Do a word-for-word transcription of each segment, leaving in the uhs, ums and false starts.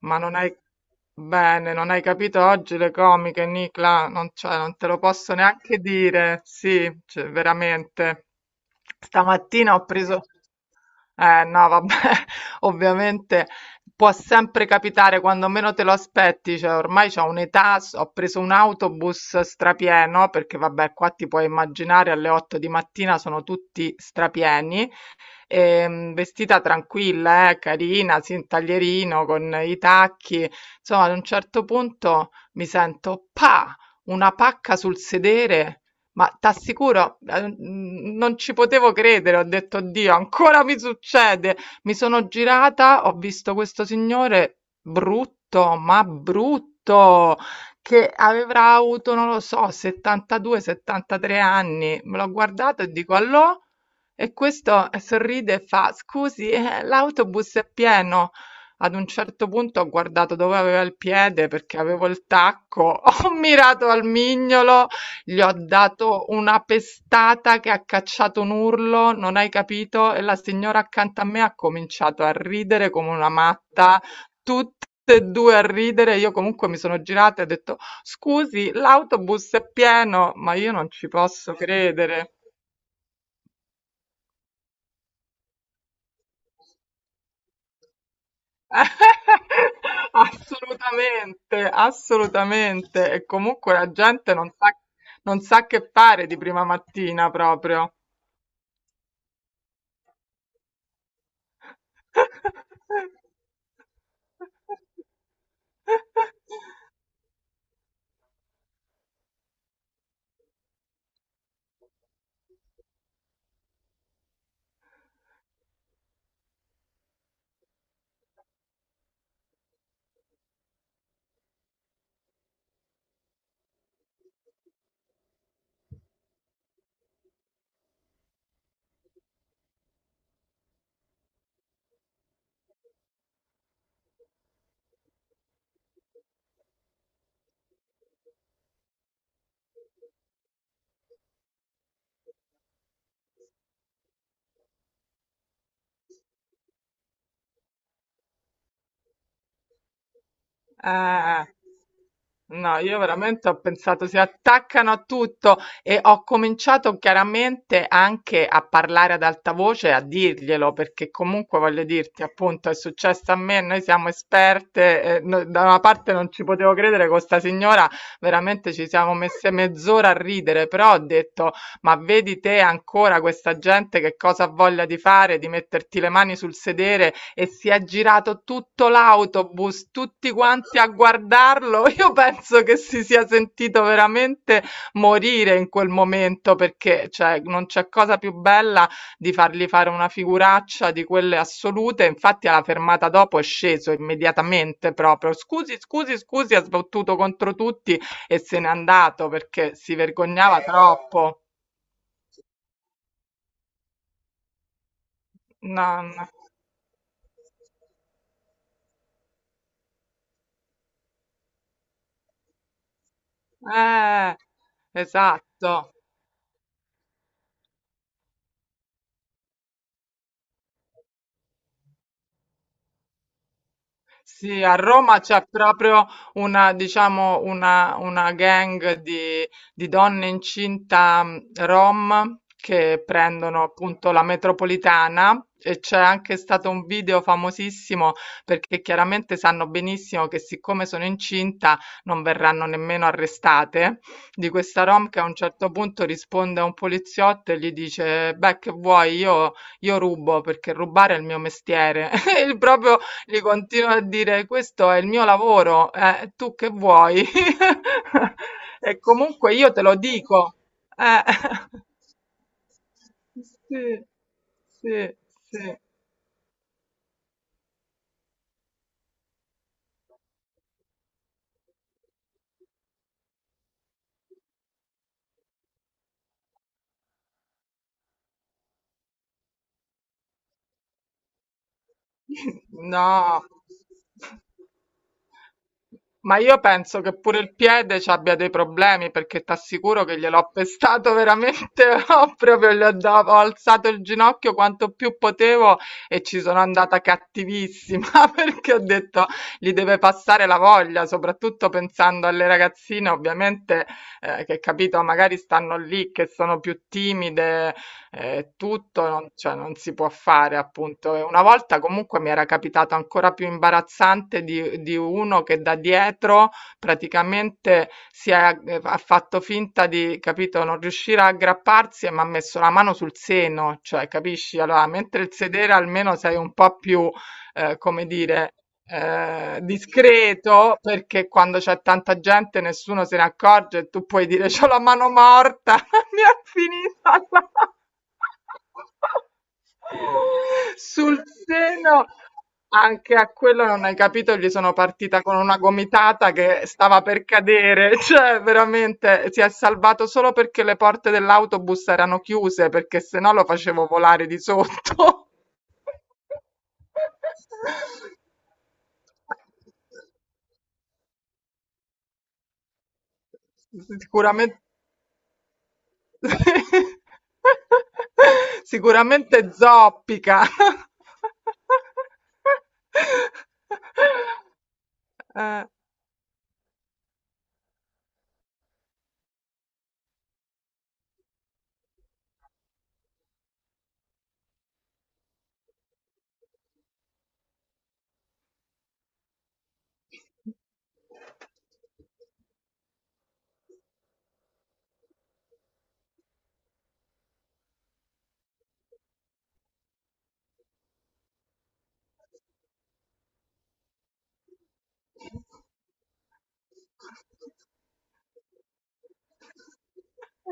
Ma non hai... Bene, non hai capito oggi le comiche, Nicla, non, cioè, non te lo posso neanche dire, sì, cioè, veramente. Stamattina ho preso... Eh no, vabbè, ovviamente può sempre capitare quando meno te lo aspetti, cioè ormai c'ho un'età, s- ho preso un autobus strapieno, perché vabbè, qua ti puoi immaginare alle otto di mattina sono tutti strapieni, ehm, vestita tranquilla, eh, carina, sì, un taglierino con i tacchi. Insomma, ad un certo punto mi sento pa, una pacca sul sedere. Ma t'assicuro, eh, n- non ci potevo credere, ho detto, Dio, ancora mi succede. Mi sono girata, ho visto questo signore brutto, ma brutto, che avrà avuto, non lo so, settantadue settantatré anni. Me l'ho guardato e dico, allò? E questo sorride e fa: "Scusi, eh, l'autobus è pieno". Ad un certo punto ho guardato dove aveva il piede perché avevo il tacco, ho mirato al mignolo, gli ho dato una pestata che ha cacciato un urlo, non hai capito? E la signora accanto a me ha cominciato a ridere come una matta, tutte e due a ridere. Io comunque mi sono girata e ho detto: "Scusi, l'autobus è pieno", ma io non ci posso credere. Assolutamente, assolutamente. E comunque la gente non sa, non sa che fare di prima mattina proprio. Eh, no, io veramente ho pensato si attaccano a tutto e ho cominciato chiaramente anche a parlare ad alta voce, a dirglielo, perché comunque voglio dirti, appunto, è successo a me, noi siamo esperte, eh, no- da una parte non ci potevo credere con sta signora, veramente ci siamo messe mezz'ora a ridere, però ho detto, ma vedi te ancora questa gente che cosa ha voglia di fare, di metterti le mani sul sedere e si è girato tutto l'autobus, tutti quanti a guardarlo. Io penso che si sia sentito veramente morire in quel momento perché cioè, non c'è cosa più bella di fargli fare una figuraccia di quelle assolute. Infatti, alla fermata dopo è sceso immediatamente proprio. Scusi, scusi, scusi, ha sbattuto contro tutti e se n'è andato perché si vergognava troppo. Non... Eh, esatto. Sì, a Roma c'è proprio una, diciamo, una, una gang di, di donne incinta, mh, rom che prendono appunto la metropolitana e c'è anche stato un video famosissimo perché chiaramente sanno benissimo che siccome sono incinta non verranno nemmeno arrestate, di questa rom che a un certo punto risponde a un poliziotto e gli dice, beh, che vuoi, io, io rubo perché rubare è il mio mestiere. E proprio gli continuo a dire questo è il mio lavoro, eh, tu che vuoi? E comunque io te lo dico. Eh, sì, sì, sì. No, ma io penso che pure il piede ci abbia dei problemi perché t'assicuro che gliel'ho pestato veramente, ho proprio gli ho, da- ho alzato il ginocchio quanto più potevo e ci sono andata cattivissima, perché ho detto gli deve passare la voglia, soprattutto pensando alle ragazzine, ovviamente, eh, che capito, magari stanno lì che sono più timide, eh, tutto, non, cioè non si può fare appunto. E una volta comunque mi era capitato ancora più imbarazzante di, di uno che da dietro praticamente si è, eh, ha fatto finta di, capito, non riuscire a aggrapparsi e mi ha messo la mano sul seno, cioè capisci? Allora, mentre il sedere almeno sei un po' più, eh, come dire, eh, discreto, perché quando c'è tanta gente nessuno se ne accorge e tu puoi dire c'ho la mano morta, mi è finita la... sul seno. Anche a quello non hai capito, gli sono partita con una gomitata che stava per cadere, cioè veramente si è salvato solo perché le porte dell'autobus erano chiuse, perché se no lo facevo volare di sotto. Sicuramente, sicuramente zoppica. Eh,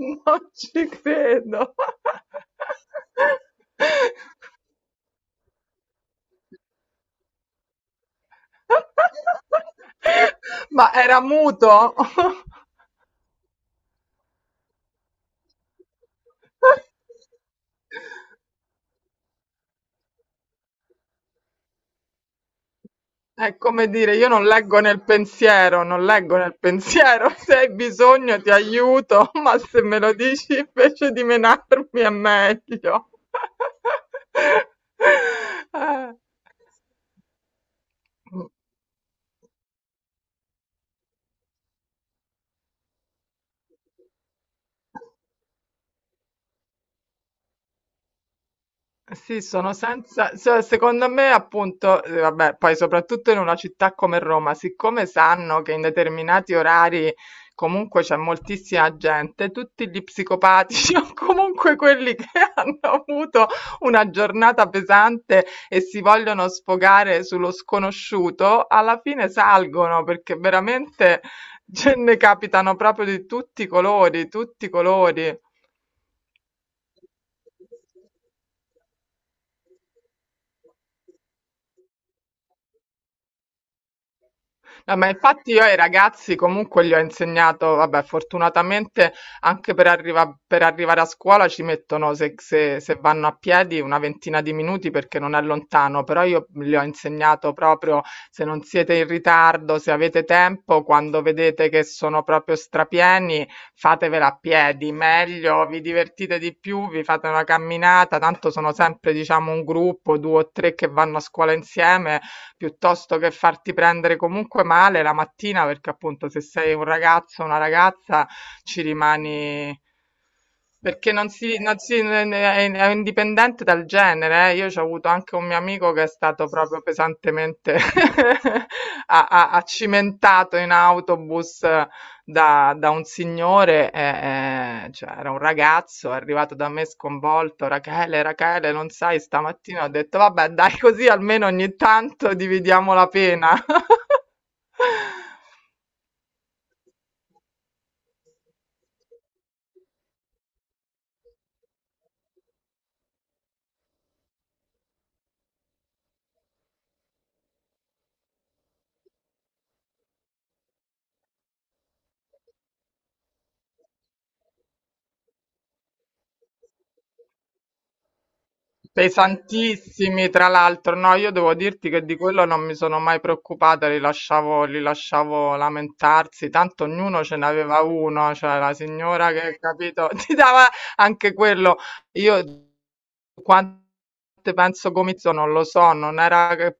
non ci credo. Ma era muto? È come dire, io non leggo nel pensiero, non leggo nel pensiero, se hai bisogno ti aiuto, ma se me lo dici invece di menarmi è meglio. Eh. Sì, sono senza, se- secondo me appunto, eh, vabbè, poi soprattutto in una città come Roma, siccome sanno che in determinati orari comunque c'è moltissima gente, tutti gli psicopatici o comunque quelli che hanno avuto una giornata pesante e si vogliono sfogare sullo sconosciuto, alla fine salgono perché veramente ce ne capitano proprio di tutti i colori, tutti i colori. No, ma infatti io ai ragazzi comunque gli ho insegnato, vabbè, fortunatamente anche per, arriva- per arrivare a scuola ci mettono, se, se- se vanno a piedi, una ventina di minuti perché non è lontano, però io gli ho insegnato proprio, se non siete in ritardo, se avete tempo, quando vedete che sono proprio strapieni, fatevela a piedi, meglio, vi divertite di più, vi fate una camminata, tanto sono sempre, diciamo, un gruppo, due o tre che vanno a scuola insieme, piuttosto che farti prendere comunque male la mattina, perché appunto se sei un ragazzo o una ragazza ci rimani. Perché non si, non si- è è indipendente dal genere, eh. Io ho avuto anche un mio amico che è stato proprio pesantemente a- a- accimentato in autobus da, da un signore, eh, eh, cioè era un ragazzo, è arrivato da me sconvolto, Rachele, Rachele, non sai, stamattina ho detto, vabbè, dai così almeno ogni tanto dividiamo la pena. Pesantissimi, tra l'altro. No, io devo dirti che di quello non mi sono mai preoccupata, li lasciavo, li lasciavo lamentarsi, tanto ognuno ce n'aveva uno, cioè la signora che, capito, ti dava anche quello. Io quante penso comizio non lo so, non era che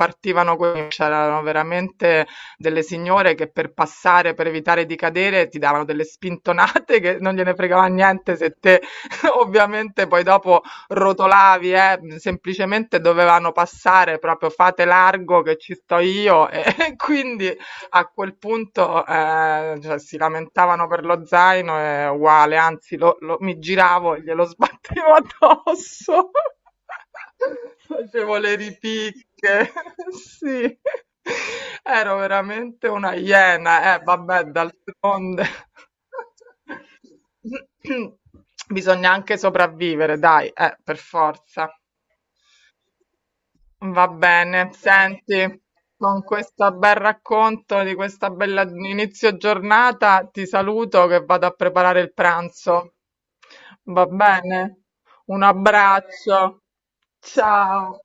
partivano quelli, c'erano veramente delle signore che per passare, per evitare di cadere, ti davano delle spintonate che non gliene fregava niente se te ovviamente poi dopo rotolavi, eh, semplicemente dovevano passare proprio, fate largo che ci sto io, e quindi a quel punto, ehm, cioè si lamentavano per lo zaino, è uguale, anzi lo lo mi giravo e glielo sbattevo addosso. Facevo le ripicche, sì. Ero veramente una iena, eh vabbè, d'altronde. Bisogna anche sopravvivere, dai, eh, per forza. Va bene, senti, con questo bel racconto di questa bella inizio giornata ti saluto che vado a preparare il pranzo. Va bene? Un abbraccio. Ciao.